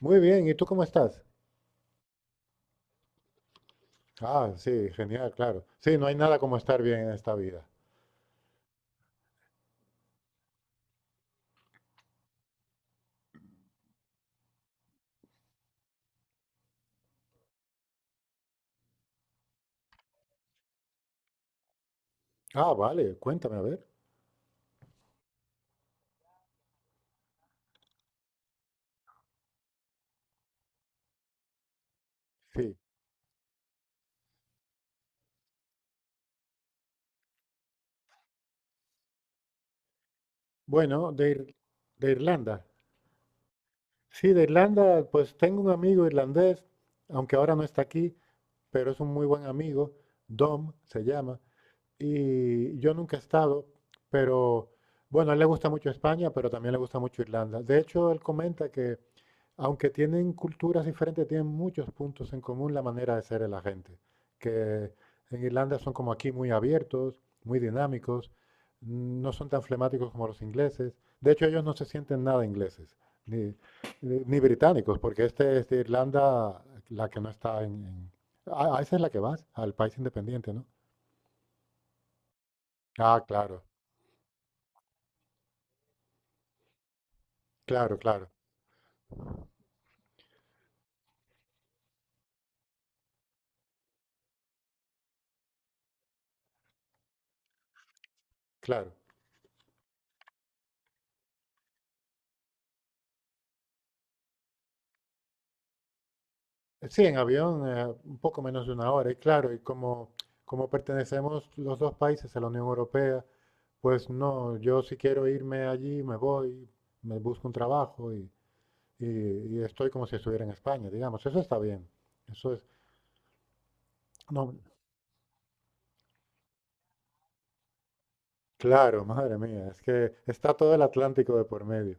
Muy bien, ¿y tú cómo estás? Ah, sí, genial, claro. Sí, no hay nada como estar bien en esta vida. Ah, vale, cuéntame, a ver. Sí. Bueno, de Irlanda. Sí, de Irlanda, pues tengo un amigo irlandés, aunque ahora no está aquí, pero es un muy buen amigo, Dom se llama, y yo nunca he estado, pero bueno, a él le gusta mucho España, pero también le gusta mucho Irlanda. De hecho, él comenta que aunque tienen culturas diferentes, tienen muchos puntos en común la manera de ser de la gente. Que en Irlanda son como aquí muy abiertos, muy dinámicos, no son tan flemáticos como los ingleses. De hecho, ellos no se sienten nada ingleses, ni, ni británicos, porque este es de Irlanda, la que no está en. Ah, ah, esa es la que vas, al país independiente, ¿no? Ah, claro, claro, claro, claro. Sí, en avión, un poco menos de una hora, y claro, y como pertenecemos los dos países a la Unión Europea, pues no, yo si quiero irme allí, me voy, me busco un trabajo y estoy como si estuviera en España, digamos, eso está bien, eso es, no, claro, madre mía, es que está todo el Atlántico de por medio.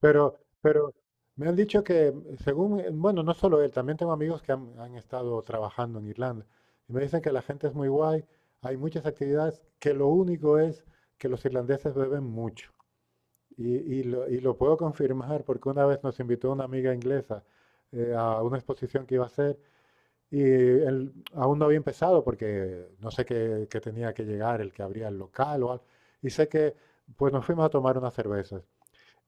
Pero me han dicho que, según, bueno, no solo él, también tengo amigos que han estado trabajando en Irlanda y me dicen que la gente es muy guay, hay muchas actividades, que lo único es que los irlandeses beben mucho. Y lo puedo confirmar porque una vez nos invitó una amiga inglesa a una exposición que iba a hacer y él aún no había empezado porque no sé qué tenía que llegar el que abría el local o algo. Y sé que, pues nos fuimos a tomar unas cervezas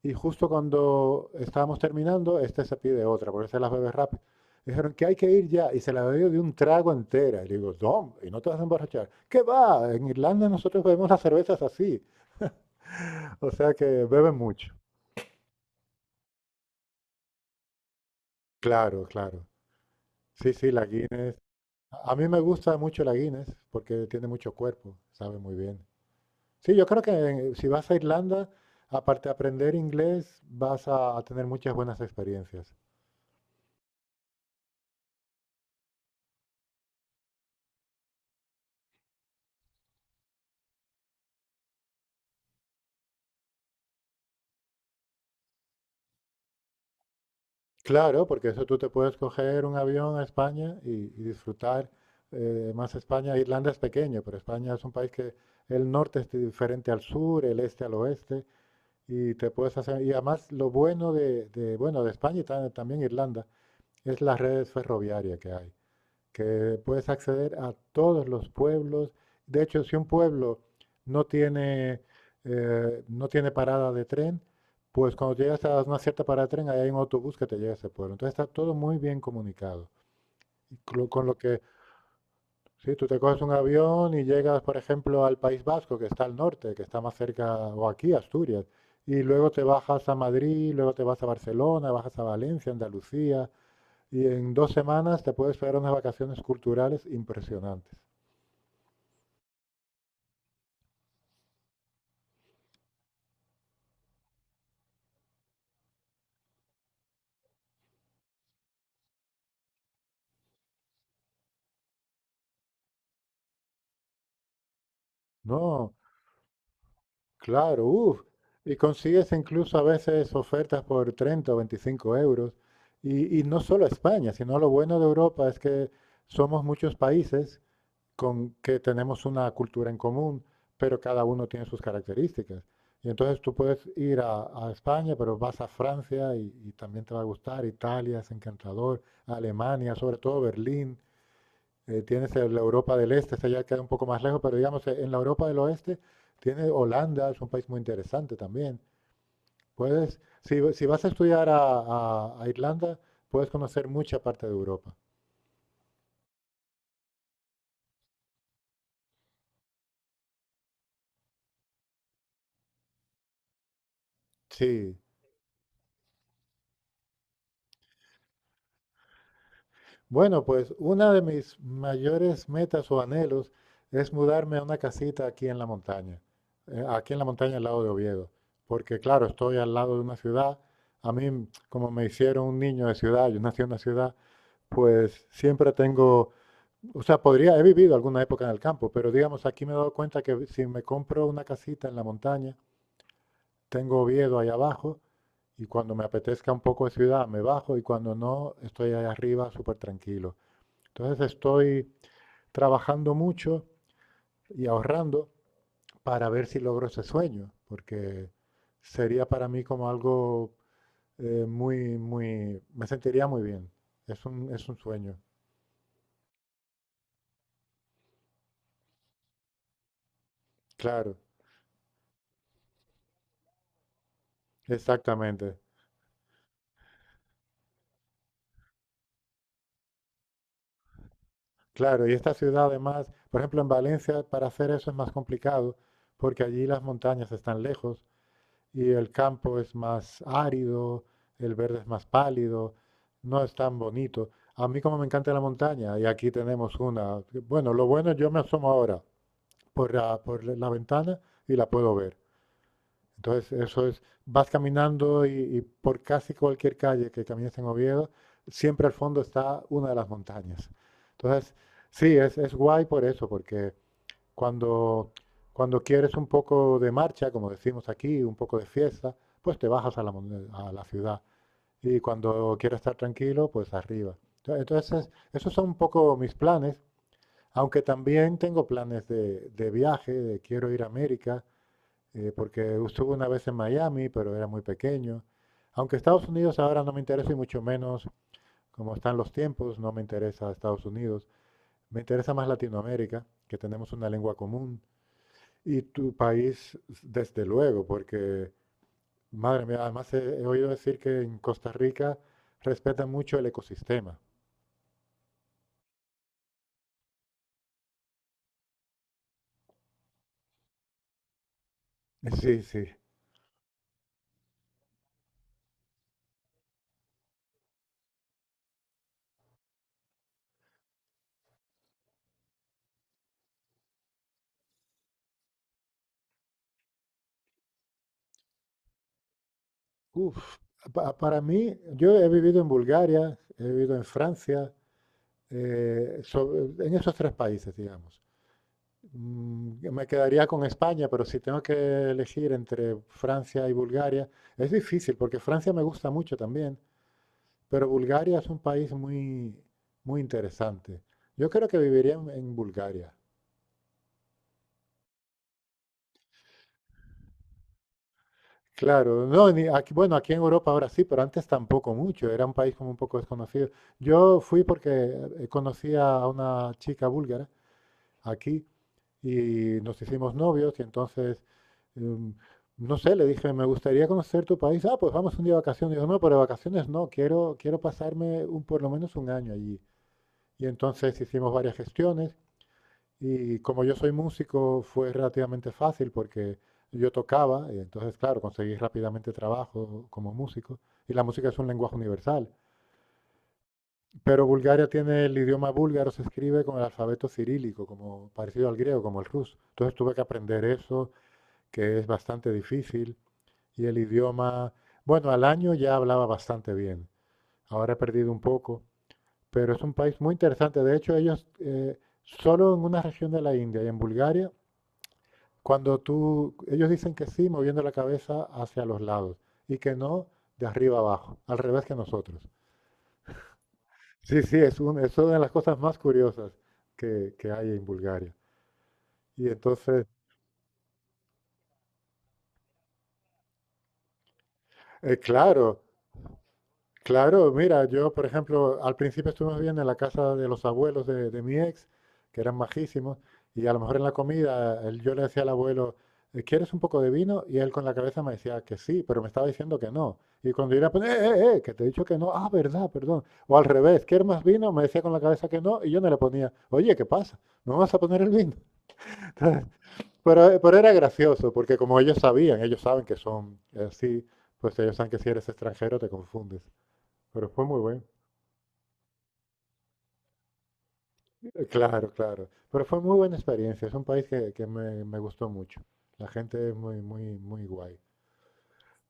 y justo cuando estábamos terminando, este se pide otra, porque se las bebe rápido. Dijeron que hay que ir ya, y se la bebió de un trago entera. Y le digo, no, y no te vas a emborrachar. ¿Qué va? En Irlanda nosotros bebemos las cervezas así. O sea que beben mucho. Claro, claro. Sí, sí, la Guinness. A mí me gusta mucho la Guinness porque tiene mucho cuerpo, sabe muy bien. Sí, yo creo que si vas a Irlanda, aparte de aprender inglés, vas a tener muchas buenas experiencias. Claro, porque eso tú te puedes coger un avión a España y disfrutar más España. Irlanda es pequeño, pero España es un país que el norte es diferente al sur, el este al oeste, y te puedes hacer. Y además lo bueno bueno de España y también Irlanda es las redes ferroviarias que hay que puedes acceder a todos los pueblos. De hecho, si un pueblo no tiene, no tiene parada de tren, pues cuando llegas a una cierta parada de tren, ahí hay un autobús que te lleva a ese pueblo. Entonces está todo muy bien comunicado. Y con lo que, si tú te coges un avión y llegas, por ejemplo, al País Vasco, que está al norte, que está más cerca, o aquí, Asturias, y luego te bajas a Madrid, luego te vas a Barcelona, bajas a Valencia, Andalucía, y en 2 semanas te puedes pegar unas vacaciones culturales impresionantes. No, claro, uff. Y consigues incluso a veces ofertas por 30 o 25 euros. Y no solo España, sino lo bueno de Europa es que somos muchos países con que tenemos una cultura en común, pero cada uno tiene sus características. Y entonces tú puedes ir a España, pero vas a Francia y también te va a gustar. Italia es encantador, Alemania, sobre todo Berlín. Tienes la Europa del Este, esa ya queda un poco más lejos, pero digamos, en la Europa del Oeste tienes Holanda, es un país muy interesante también. Puedes, si vas a estudiar a, a Irlanda, puedes conocer mucha parte de Europa. Sí. Bueno, pues una de mis mayores metas o anhelos es mudarme a una casita aquí en la montaña, aquí en la montaña al lado de Oviedo, porque claro, estoy al lado de una ciudad. A mí, como me hicieron un niño de ciudad, yo nací en una ciudad, pues siempre tengo. O sea, podría, he vivido alguna época en el campo, pero digamos, aquí me he dado cuenta que si me compro una casita en la montaña, tengo Oviedo ahí abajo y cuando me apetezca un poco de ciudad me bajo y cuando no, estoy ahí arriba súper tranquilo. Entonces estoy trabajando mucho y ahorrando para ver si logro ese sueño, porque sería para mí como algo muy, muy, me sentiría muy bien. Es un sueño, claro, exactamente. Claro, y esta ciudad además, por ejemplo, en Valencia para hacer eso es más complicado porque allí las montañas están lejos y el campo es más árido, el verde es más pálido, no es tan bonito. A mí como me encanta la montaña y aquí tenemos una, bueno, lo bueno yo me asomo ahora por la ventana y la puedo ver. Entonces, eso es, vas caminando y por casi cualquier calle que camines en Oviedo, siempre al fondo está una de las montañas. Entonces, sí, es guay por eso, porque cuando, cuando quieres un poco de marcha, como decimos aquí, un poco de fiesta, pues te bajas a la ciudad. Y cuando quieres estar tranquilo, pues arriba. Entonces, esos son un poco mis planes, aunque también tengo planes de viaje, de quiero ir a América, porque estuve una vez en Miami, pero era muy pequeño. Aunque Estados Unidos ahora no me interesa y mucho menos como están los tiempos, no me interesa Estados Unidos. Me interesa más Latinoamérica, que tenemos una lengua común. Y tu país, desde luego, porque, madre mía, además he oído decir que en Costa Rica respetan mucho el ecosistema. Sí, sí. Uf, para mí, yo he vivido en Bulgaria, he vivido en Francia, eh, so- en esos tres países, digamos. Me quedaría con España, pero si tengo que elegir entre Francia y Bulgaria, es difícil porque Francia me gusta mucho también, pero Bulgaria es un país muy, muy interesante. Yo creo que viviría en Bulgaria. Claro, no, ni aquí, bueno, aquí en Europa ahora sí, pero antes tampoco mucho, era un país como un poco desconocido. Yo fui porque conocí a una chica búlgara aquí y nos hicimos novios y entonces, em, no sé, le dije, me gustaría conocer tu país. Ah, pues vamos un día de vacaciones. Digo, no, pero de vacaciones no, quiero, pasarme por lo menos un año allí. Y entonces hicimos varias gestiones y como yo soy músico fue relativamente fácil porque yo tocaba y entonces, claro, conseguí rápidamente trabajo como músico. Y la música es un lenguaje universal. Pero Bulgaria tiene el idioma búlgaro, se escribe con el alfabeto cirílico, como parecido al griego, como el ruso. Entonces tuve que aprender eso que es bastante difícil y el idioma, bueno, al año ya hablaba bastante bien, ahora he perdido un poco, pero es un país muy interesante. De hecho, ellos solo en una región de la India y en Bulgaria, cuando tú, ellos dicen que sí, moviendo la cabeza hacia los lados y que no de arriba abajo, al revés que nosotros. Sí, sí, es una de las cosas más curiosas que hay en Bulgaria. Y entonces, claro, Claro, mira, yo, por ejemplo, al principio estuvimos bien en la casa de los abuelos de mi ex, que eran majísimos, y a lo mejor en la comida yo le decía al abuelo, " ¿quieres un poco de vino?" Y él con la cabeza me decía que sí, pero me estaba diciendo que no. Y cuando yo le ponía, que te he dicho que no, ah, verdad, perdón. O al revés, ¿quieres más vino? Me decía con la cabeza que no, y yo no le ponía, oye, ¿qué pasa? ¿No me vas a poner el vino? Entonces, pero era gracioso, porque como ellos sabían, ellos saben que son así, pues ellos saben que si eres extranjero te confundes. Pero fue muy bueno. Claro, claro. Pero fue muy buena experiencia. Es un país que me gustó mucho. La gente es muy, muy, muy guay.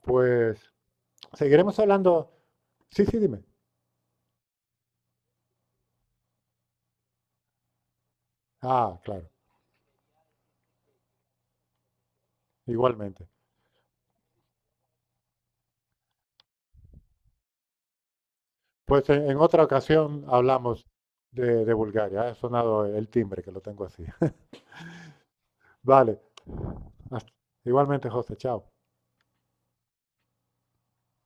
Pues seguiremos hablando. Sí, sí, dime. Ah, claro. Igualmente. Pues en otra ocasión hablamos de Bulgaria. Ha sonado el timbre, que lo tengo así. Vale. hasta- Igualmente, José. Chao.